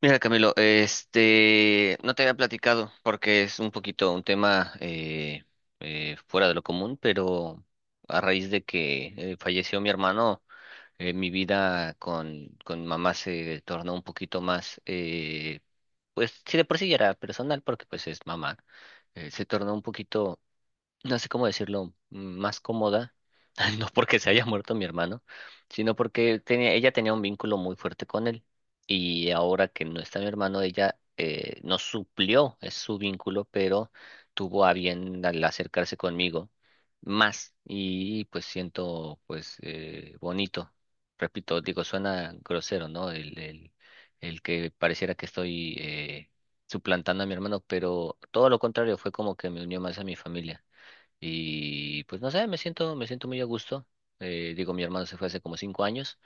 Mira, Camilo, no te había platicado porque es un poquito un tema fuera de lo común, pero a raíz de que falleció mi hermano, mi vida con mamá se tornó un poquito más, pues si de por sí ya era personal porque pues es mamá, se tornó un poquito no sé cómo decirlo, más cómoda, no porque se haya muerto mi hermano, sino porque ella tenía un vínculo muy fuerte con él. Y ahora que no está mi hermano, ella nos suplió es su vínculo, pero tuvo a bien al acercarse conmigo más. Y pues siento pues bonito. Repito, digo, suena grosero, ¿no? El que pareciera que estoy suplantando a mi hermano, pero todo lo contrario, fue como que me unió más a mi familia. Y pues no sé, me siento muy a gusto. Digo, mi hermano se fue hace como 5 años,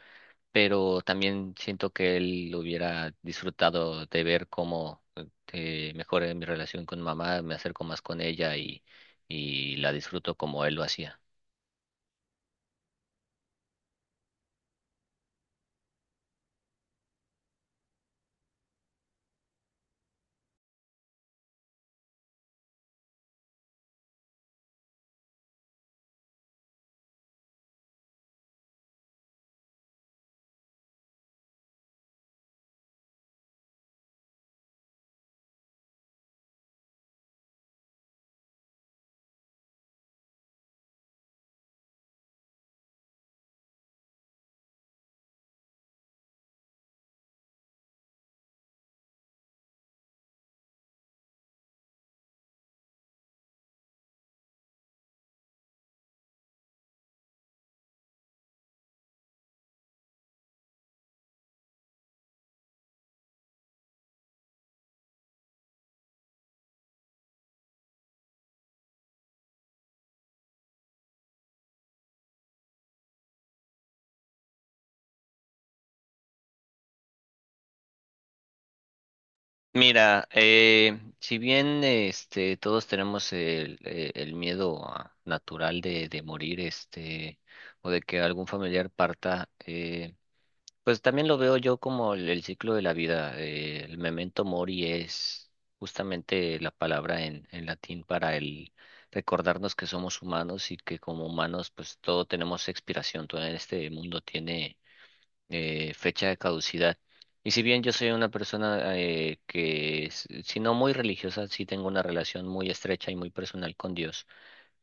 pero también siento que él hubiera disfrutado de ver cómo mejoré mi relación con mamá, me acerco más con ella y la disfruto como él lo hacía. Mira, si bien todos tenemos el miedo natural de morir o de que algún familiar parta. Pues también lo veo yo como el ciclo de la vida. El memento mori es justamente la palabra en latín para el recordarnos que somos humanos y que como humanos pues todo tenemos expiración, todo en este mundo tiene fecha de caducidad. Y si bien yo soy una persona que, si no muy religiosa, sí tengo una relación muy estrecha y muy personal con Dios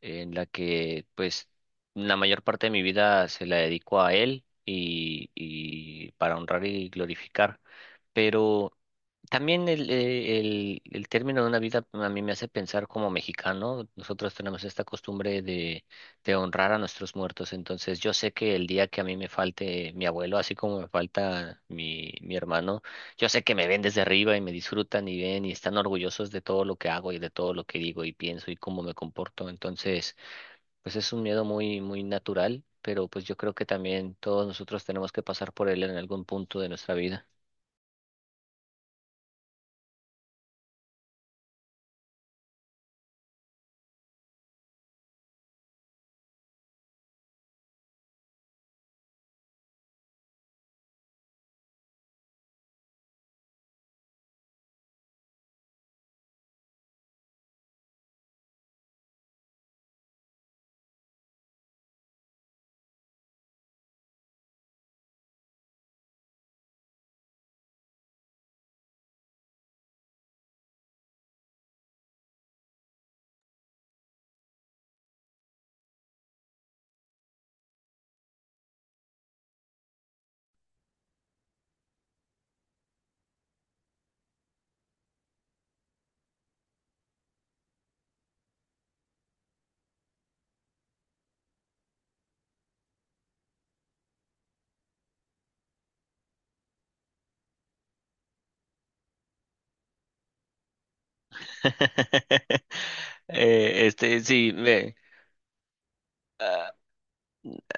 en la que pues la mayor parte de mi vida se la dedico a él y para honrar y glorificar. Pero también el término de una vida a mí me hace pensar como mexicano. Nosotros tenemos esta costumbre de honrar a nuestros muertos. Entonces yo sé que el día que a mí me falte mi abuelo, así como me falta mi hermano, yo sé que me ven desde arriba y me disfrutan y ven y están orgullosos de todo lo que hago y de todo lo que digo y pienso y cómo me comporto. Entonces, pues es un miedo muy, muy natural, pero pues yo creo que también todos nosotros tenemos que pasar por él en algún punto de nuestra vida. Sí,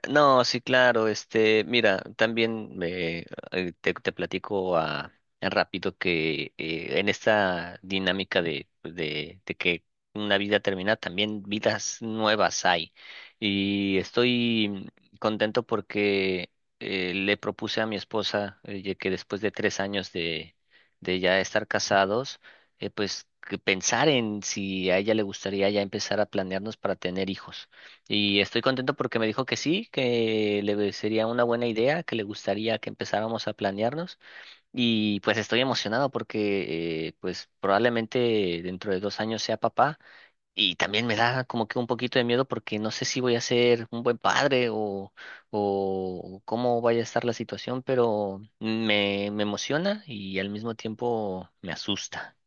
no, sí, claro, mira, también te platico rápido que en esta dinámica de que una vida termina, también vidas nuevas hay. Y estoy contento porque le propuse a mi esposa ya que después de 3 años de ya estar casados, pues que pensar en si a ella le gustaría ya empezar a planearnos para tener hijos. Y estoy contento porque me dijo que sí, que le sería una buena idea, que le gustaría que empezáramos a planearnos. Y pues estoy emocionado porque pues probablemente dentro de 2 años sea papá. Y también me da como que un poquito de miedo porque no sé si voy a ser un buen padre o cómo vaya a estar la situación, pero me emociona y al mismo tiempo me asusta.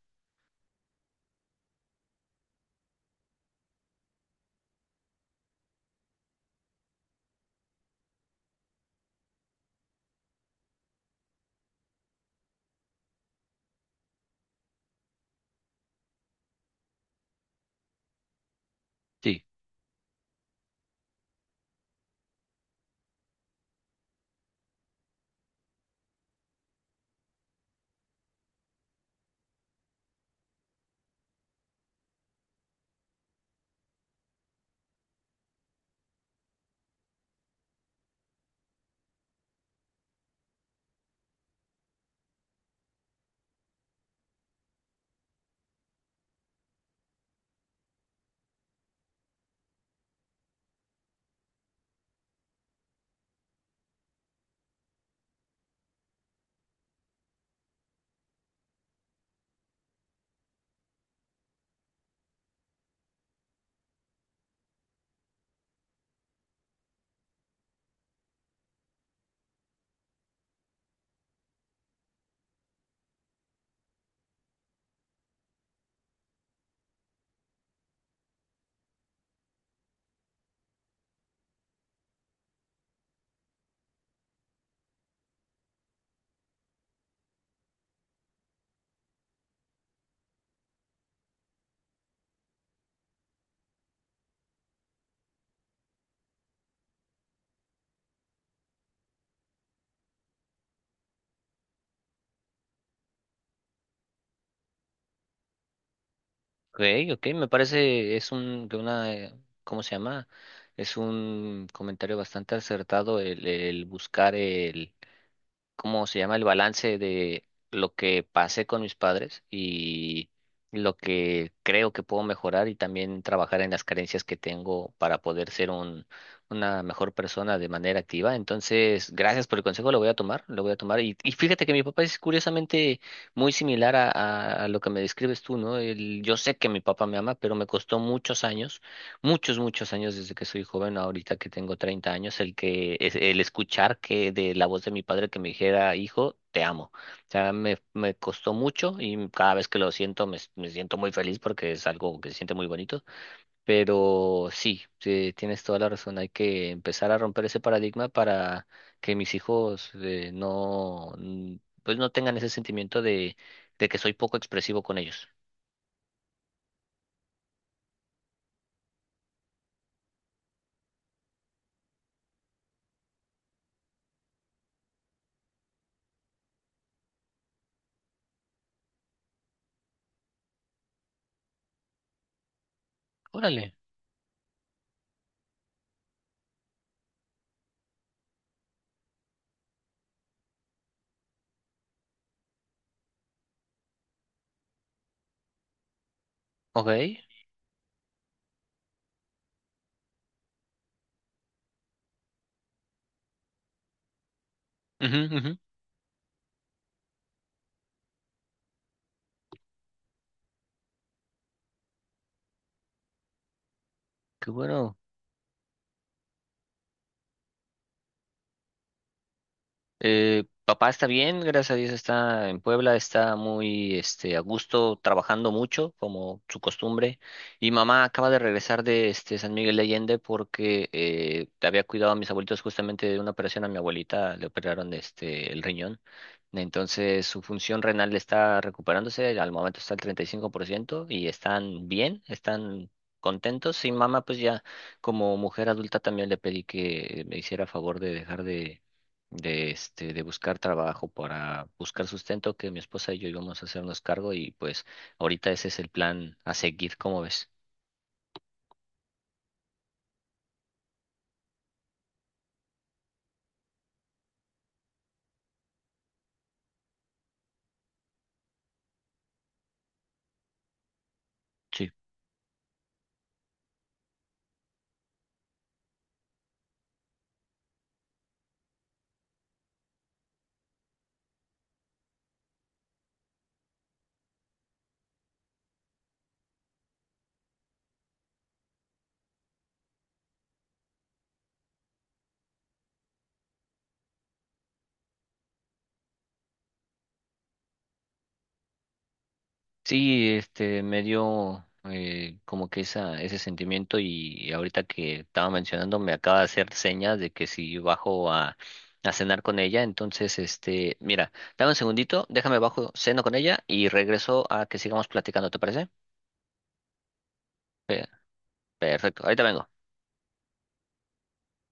Ok, ok, me parece, es un, de una, ¿cómo se llama? Es un comentario bastante acertado el buscar el, ¿cómo se llama? El balance de lo que pasé con mis padres y lo que creo que puedo mejorar y también trabajar en las carencias que tengo para poder ser un, una mejor persona de manera activa. Entonces, gracias por el consejo, lo voy a tomar, lo voy a tomar. Y fíjate que mi papá es curiosamente muy similar a lo que me describes tú, ¿no? Yo sé que mi papá me ama, pero me costó muchos, muchos años desde que soy joven, ahorita que tengo 30 años, el que el escuchar que de la voz de mi padre que me dijera, hijo, te amo. O sea, me costó mucho y cada vez que lo siento me siento muy feliz porque es algo que se siente muy bonito. Pero sí, sí, tienes toda la razón, hay que empezar a romper ese paradigma para que mis hijos pues no tengan ese sentimiento de que soy poco expresivo con ellos. Órale, ok. Ujú, ujú. Qué bueno. Papá está bien, gracias a Dios está en Puebla, está muy a gusto, trabajando mucho, como su costumbre. Y mamá acaba de regresar de San Miguel de Allende porque había cuidado a mis abuelitos justamente de una operación. A mi abuelita le operaron el riñón. Entonces su función renal está recuperándose, al momento está al 35% y 5% y están bien, están contentos. Y mamá, pues ya como mujer adulta también le pedí que me hiciera favor de dejar de buscar trabajo para buscar sustento, que mi esposa y yo íbamos a hacernos cargo y pues ahorita ese es el plan a seguir, ¿cómo ves? Sí. Sí, me dio como que ese sentimiento y ahorita que estaba mencionando me acaba de hacer señas de que si bajo a cenar con ella, entonces, mira, dame un segundito, déjame bajo, ceno con ella y regreso a que sigamos platicando, ¿te parece? Pe- Perfecto, ahorita vengo.